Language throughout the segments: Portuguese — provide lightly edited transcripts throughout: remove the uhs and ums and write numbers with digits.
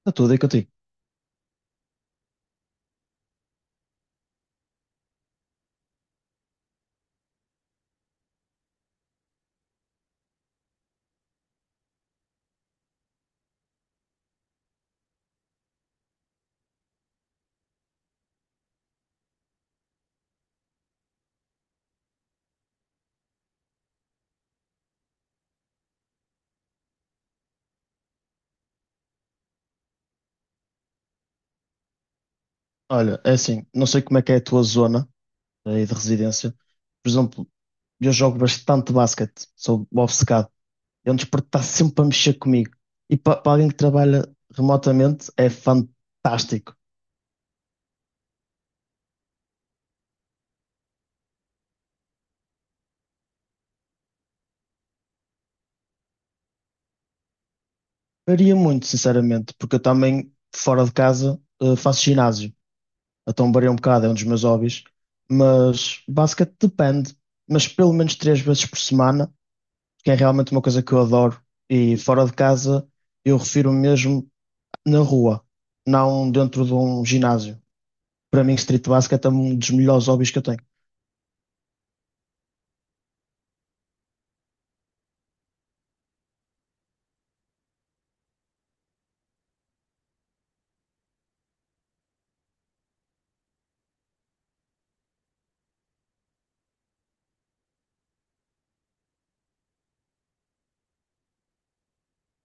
Está tudo aí contigo. Olha, é assim, não sei como é que é a tua zona aí de residência. Por exemplo, eu jogo bastante basquete, sou obcecado. É um desporto que está sempre a mexer comigo. E para alguém que trabalha remotamente, é fantástico. Varia muito, sinceramente, porque eu também, fora de casa, faço ginásio. Então varia um bocado, é um dos meus hobbies. Mas basquete depende, mas pelo menos três vezes por semana, que é realmente uma coisa que eu adoro. E fora de casa, eu refiro mesmo. Na rua, não dentro de um ginásio. Para mim, street basket é um dos melhores hobbies que eu tenho.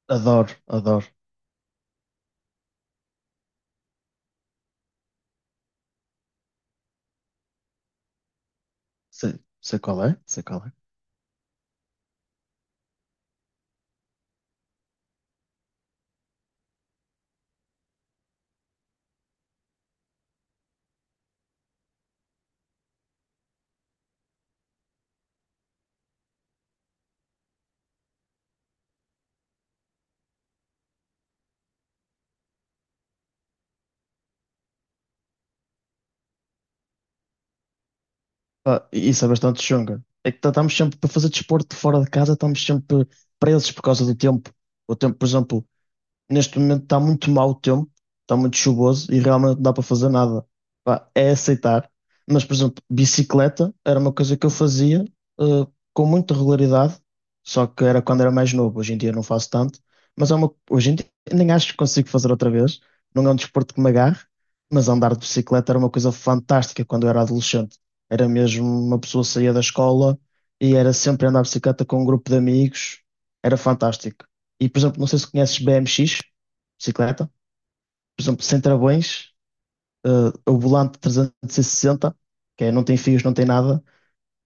Adoro, adoro. Sei, sei qual é, sei qual é. Pá, isso é bastante chunga. É que estamos sempre para fazer desporto fora de casa, estamos sempre presos por causa do tempo. O tempo, por exemplo, neste momento está muito mau o tempo, está muito chuvoso e realmente não dá para fazer nada. Pá, é aceitar. Mas, por exemplo, bicicleta era uma coisa que eu fazia, eh, com muita regularidade, só que era quando era mais novo. Hoje em dia não faço tanto, mas é uma, hoje em dia nem acho que consigo fazer outra vez. Não é um desporto que me agarre, mas andar de bicicleta era uma coisa fantástica quando eu era adolescente. Era mesmo uma pessoa que saía da escola e era sempre andar de bicicleta com um grupo de amigos. Era fantástico. E, por exemplo, não sei se conheces BMX, bicicleta. Por exemplo, sem travões, eh, o volante 360, que é, não tem fios, não tem nada,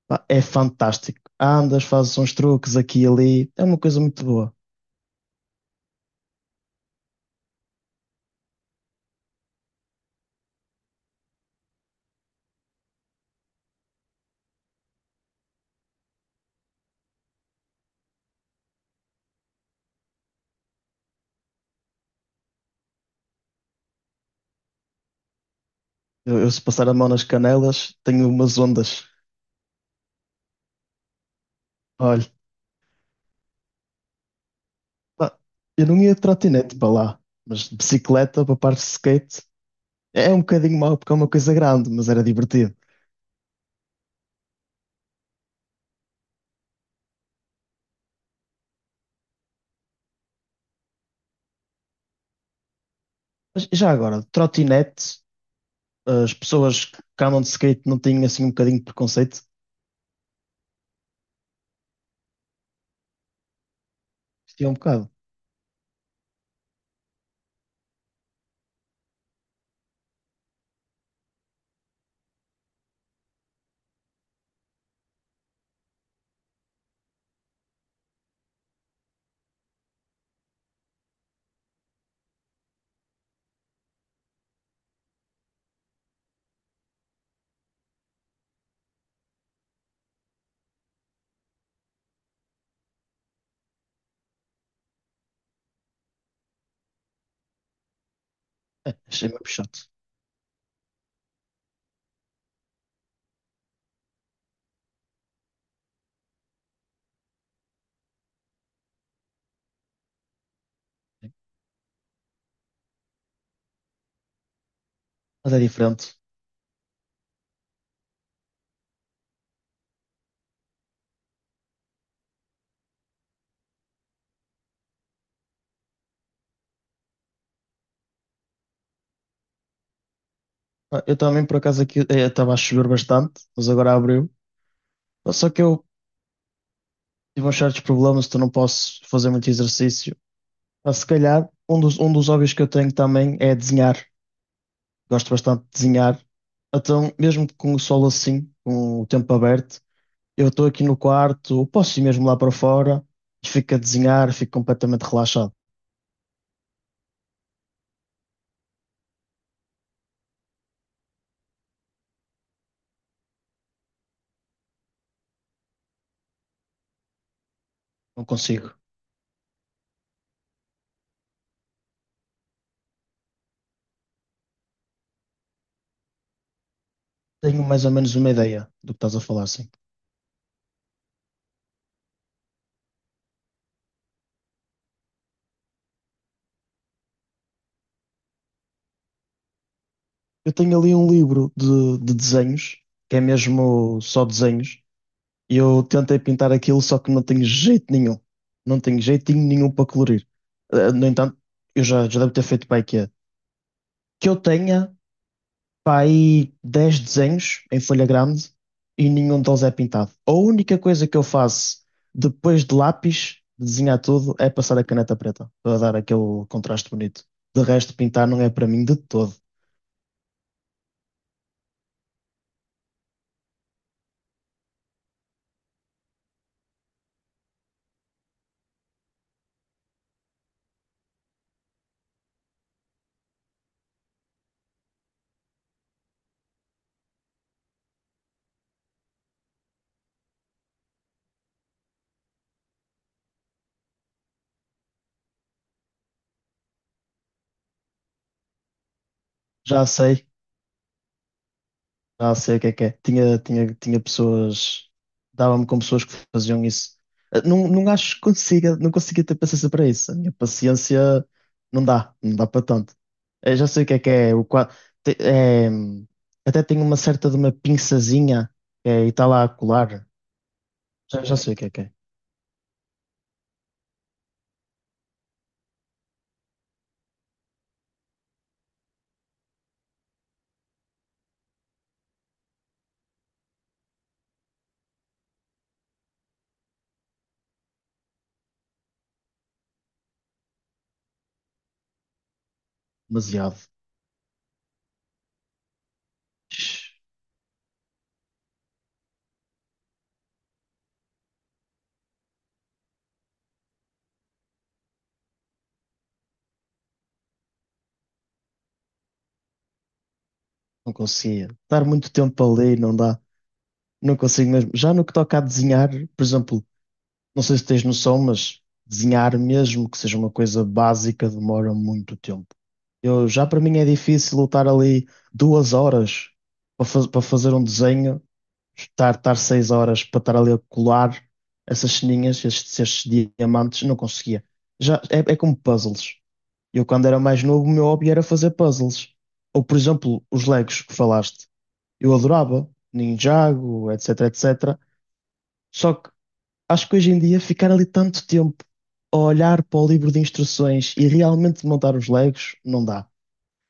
pá, é fantástico. Andas, fazes uns truques aqui e ali, é uma coisa muito boa. Eu, se passar a mão nas canelas, tenho umas ondas. Olha, pá, eu não ia de trotinete para lá, mas de bicicleta para parte de skate é um bocadinho mau porque é uma coisa grande, mas era divertido. Mas já agora, de trotinete, as pessoas que andam de skate não têm assim um bocadinho de preconceito? Curti um bocado. Achei meio chato. Mas é diferente. Ah, eu também, por acaso, aqui estava a chover bastante, mas agora abriu. Ah, só que eu tive uns certos problemas, então não posso fazer muito exercício. Ah, se calhar, um dos hobbies que eu tenho também é desenhar. Gosto bastante de desenhar. Então, mesmo com o sol assim, com o tempo aberto, eu estou aqui no quarto, ou posso ir mesmo lá para fora e fico a desenhar, fico completamente relaxado. Não consigo. Tenho mais ou menos uma ideia do que estás a falar, sim. Eu tenho ali um livro de desenhos, que é mesmo só desenhos, e eu tentei pintar aquilo, só que não tenho jeito nenhum. Não tenho jeitinho nenhum para colorir. No entanto, eu já devo ter feito para aí que é. Que eu tenha para aí 10 desenhos em folha grande e nenhum deles é pintado. A única coisa que eu faço depois de lápis, de desenhar tudo, é passar a caneta preta, para dar aquele contraste bonito. De resto, pintar não é para mim de todo. Já sei, ah, sei o que é que é. Tinha pessoas. Dava-me com pessoas que faziam isso. Ah, não, não acho que consiga, não conseguia ter paciência para isso. A minha paciência não dá, não dá para tanto. Eu já sei o que é que é. Te- é até tenho uma certa de uma pinçazinha é, e está lá a colar. Já sei o que é que é. Demasiado. Não conseguia. Dar muito tempo a ler, não dá. Não consigo mesmo. Já no que toca a desenhar, por exemplo. Não sei se tens noção, mas desenhar, mesmo que seja uma coisa básica, demora muito tempo. Eu, já para mim é difícil lutar ali 2 horas para, para fazer um desenho, estar 6 horas para estar ali a colar essas ceninhas, estes diamantes, não conseguia. Já, é, é como puzzles. Eu, quando era mais novo, o meu hobby era fazer puzzles. Ou, por exemplo, os Legos que falaste. Eu adorava, Ninjago, etc, etc. Só que Acho que hoje em dia ficar ali tanto tempo a olhar para o livro de instruções e realmente montar os Legos não dá.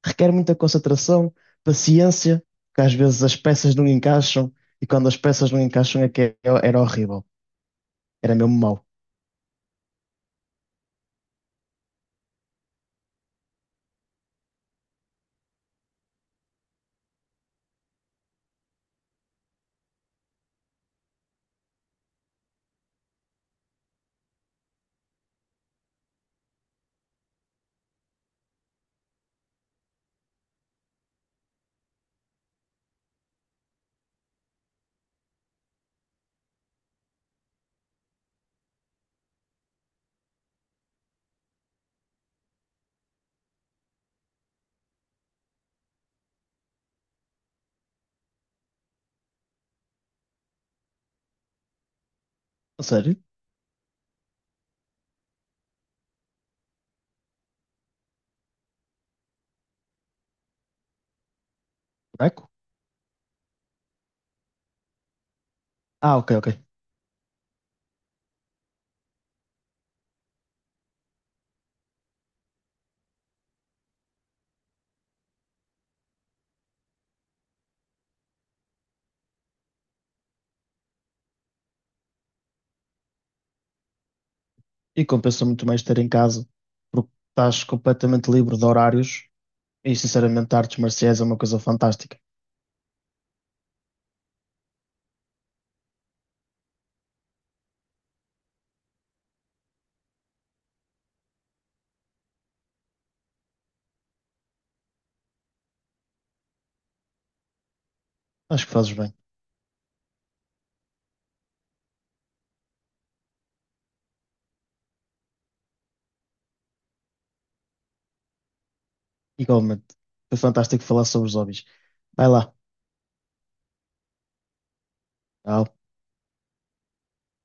Requer muita concentração, paciência, porque às vezes as peças não encaixam e quando as peças não encaixam é que era horrível. Era mesmo mau. A sério? Buraco? Ah, ok, ok. E compensa muito mais ter em casa, porque estás completamente livre de horários e sinceramente artes marciais é uma coisa fantástica. Acho que fazes bem. Igualmente. Foi fantástico falar sobre os hobbies. Vai lá. Tchau.